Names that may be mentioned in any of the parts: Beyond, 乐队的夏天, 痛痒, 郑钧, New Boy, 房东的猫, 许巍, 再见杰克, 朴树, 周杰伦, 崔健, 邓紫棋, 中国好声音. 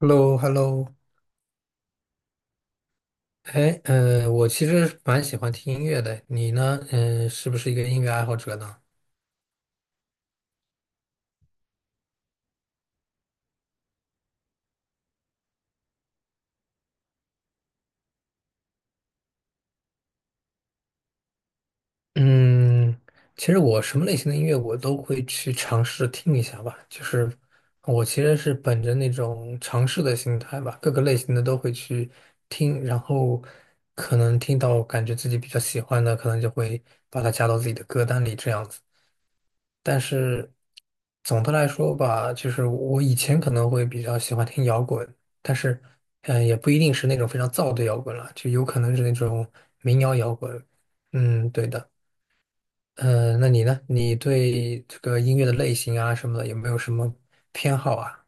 h e l l o h e l l o 哎，我其实蛮喜欢听音乐的，你呢？嗯、是不是一个音乐爱好者呢？嗯，其实我什么类型的音乐我都会去尝试听一下吧，我其实是本着那种尝试的心态吧，各个类型的都会去听，然后可能听到感觉自己比较喜欢的，可能就会把它加到自己的歌单里这样子。但是总的来说吧，就是我以前可能会比较喜欢听摇滚，但是也不一定是那种非常燥的摇滚了，就有可能是那种民谣摇滚。嗯，对的。嗯、那你呢？你对这个音乐的类型啊什么的有没有什么偏好啊？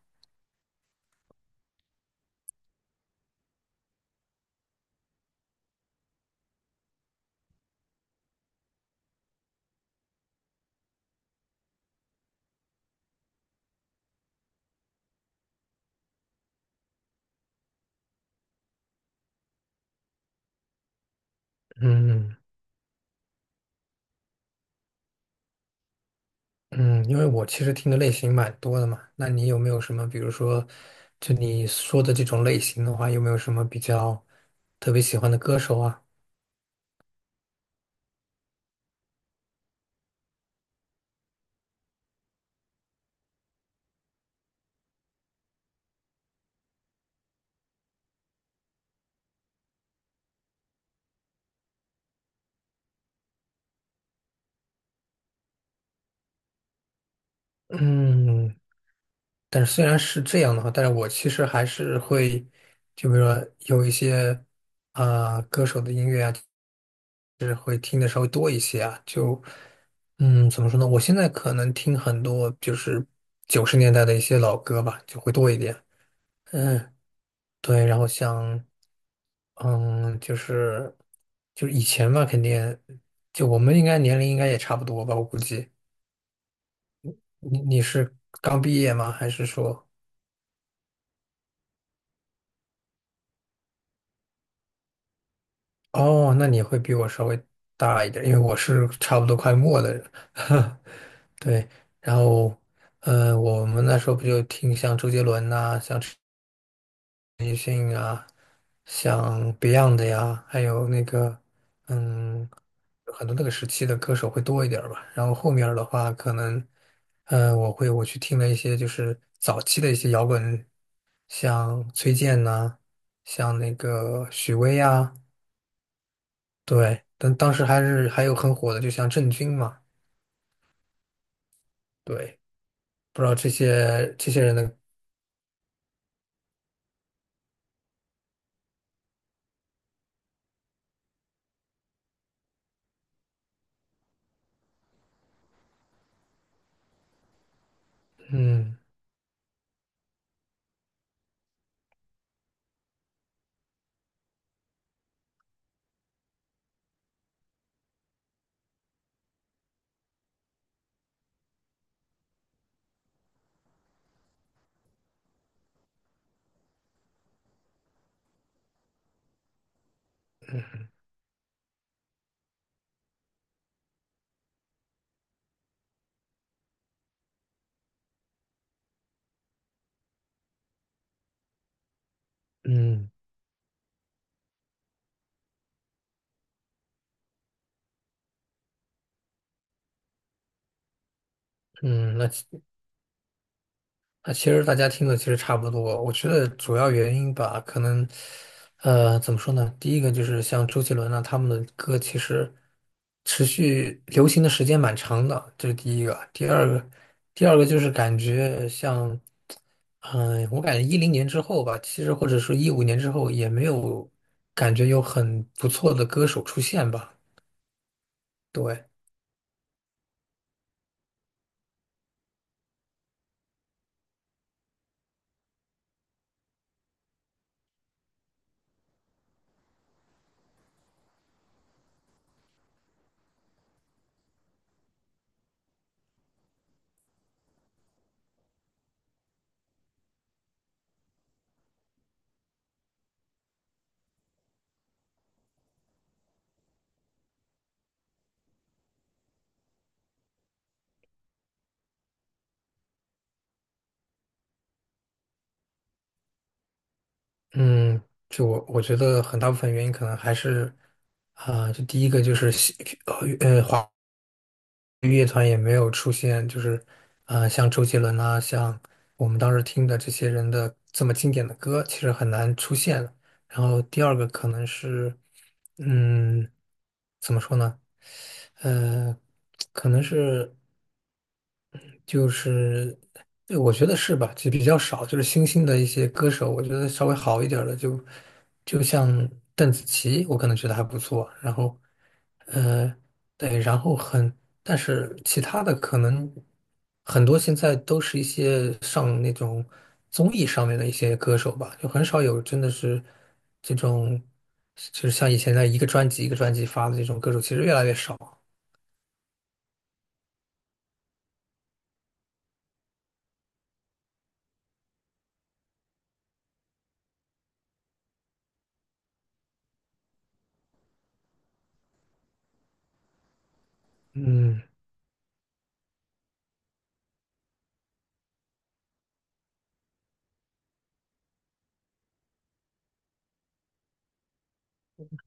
嗯嗯，因为我其实听的类型蛮多的嘛，那你有没有什么，比如说，就你说的这种类型的话，有没有什么比较特别喜欢的歌手啊？嗯，但是虽然是这样的话，但是我其实还是会，就比如说有一些歌手的音乐啊，就是会听的稍微多一些啊。嗯，怎么说呢？我现在可能听很多就是九十年代的一些老歌吧，就会多一点。嗯，对。然后像嗯，就是就是以前嘛，肯定就我们应该年龄应该也差不多吧，我估计。你是刚毕业吗？还是说？哦，那你会比我稍微大一点，因为我是差不多快末的人。对，然后，我们那时候不就听像周杰伦呐、像 Beyond 的呀，还有那个，嗯，很多那个时期的歌手会多一点儿吧。然后后面儿的话，可能，我去听了一些就是早期的一些摇滚，像崔健呐、像那个许巍呀，对，但当时还是还有很火的，就像郑钧嘛。对，不知道这些人的，嗯嗯嗯，那其实大家听的其实差不多。我觉得主要原因吧，可能，怎么说呢？第一个就是像周杰伦啊，他们的歌其实持续流行的时间蛮长的，这是第一个。第二个就是感觉像，我感觉一零年之后吧，其实或者说一五年之后，也没有感觉有很不错的歌手出现吧。对。嗯，就我觉得很大部分原因可能还是，就第一个就是呃华。乐团也没有出现，就是像周杰伦啊，像我们当时听的这些人的这么经典的歌，其实很难出现了。然后第二个可能是，嗯，怎么说呢？呃，可能是就是，对，我觉得是吧，就比较少，就是新兴的一些歌手，我觉得稍微好一点儿的就像邓紫棋，我可能觉得还不错。然后。呃，对，然后很，但是其他的可能很多现在都是一些上那种综艺上面的一些歌手吧，就很少有真的是这种，就是像以前的一个专辑一个专辑发的这种歌手，其实越来越少。嗯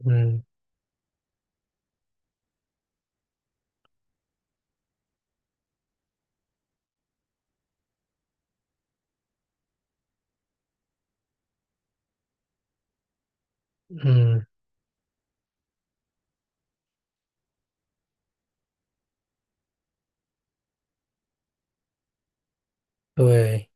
嗯嗯，对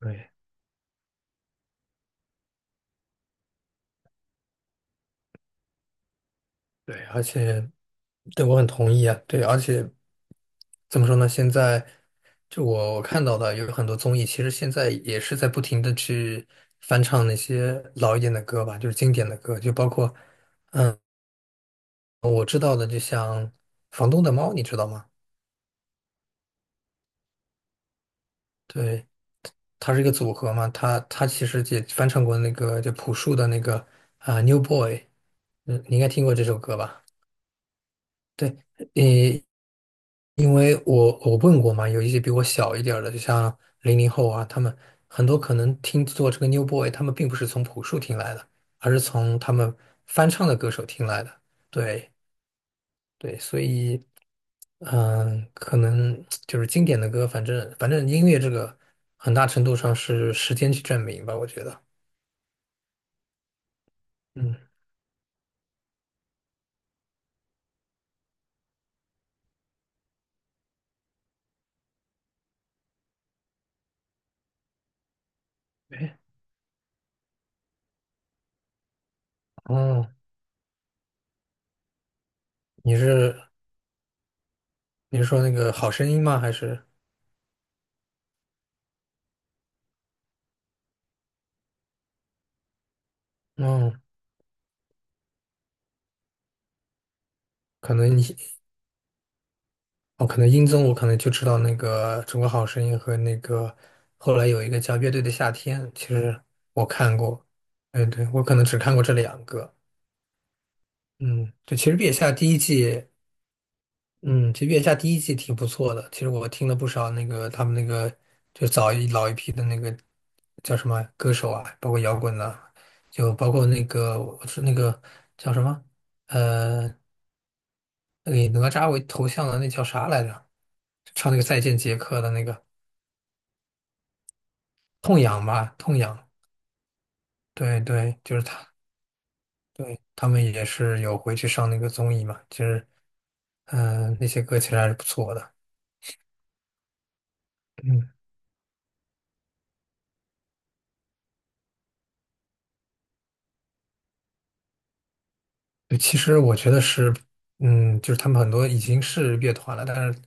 对。对，而且对我很同意啊，对，而且怎么说呢？现在就我看到的有很多综艺，其实现在也是在不停的去翻唱那些老一点的歌吧，就是经典的歌，就包括我知道的，就像《房东的猫》，你知道吗？对，它是一个组合嘛，它其实也翻唱过那个就朴树的那个New Boy》,嗯，你应该听过这首歌吧？对，呃，因为我问过嘛，有一些比我小一点儿的，就像零零后啊，他们很多可能听做这个 New Boy,他们并不是从朴树听来的，而是从他们翻唱的歌手听来的。对对，所以嗯，可能就是经典的歌，反正音乐这个很大程度上是时间去证明吧，我觉得。嗯，哎，哦，你是你是说那个好声音吗？还是嗯，可能你哦，可能音综我可能就知道那个《中国好声音》和那个后来有一个叫《乐队的夏天》，其实我看过。对对，我可能只看过这两个。嗯，对，其实《月下》第一季，嗯，其实《月下》第一季挺不错的。其实我听了不少那个他们那个就早一老一批的那个叫什么歌手啊，包括摇滚的、就包括那个我是那个叫什么呃，那个以哪吒为头像的那叫啥来着？唱那个《再见杰克》的那个。痛痒吧，痛痒，对对，就是他，对，他们也是有回去上那个综艺嘛，其实，那些歌其实还是不错的，嗯，对其实我觉得是，嗯，就是他们很多已经是乐团了，但是，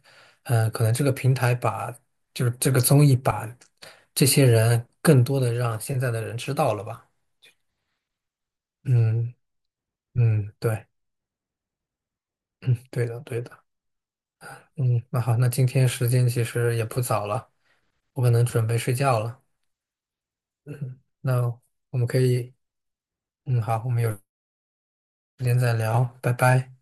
可能这个平台把，就是这个综艺把这些人更多的让现在的人知道了吧，嗯嗯，对，嗯，对的对的，嗯，那好，那今天时间其实也不早了，我可能准备睡觉了，那我们可以。嗯，好，我们有时间再聊，拜拜。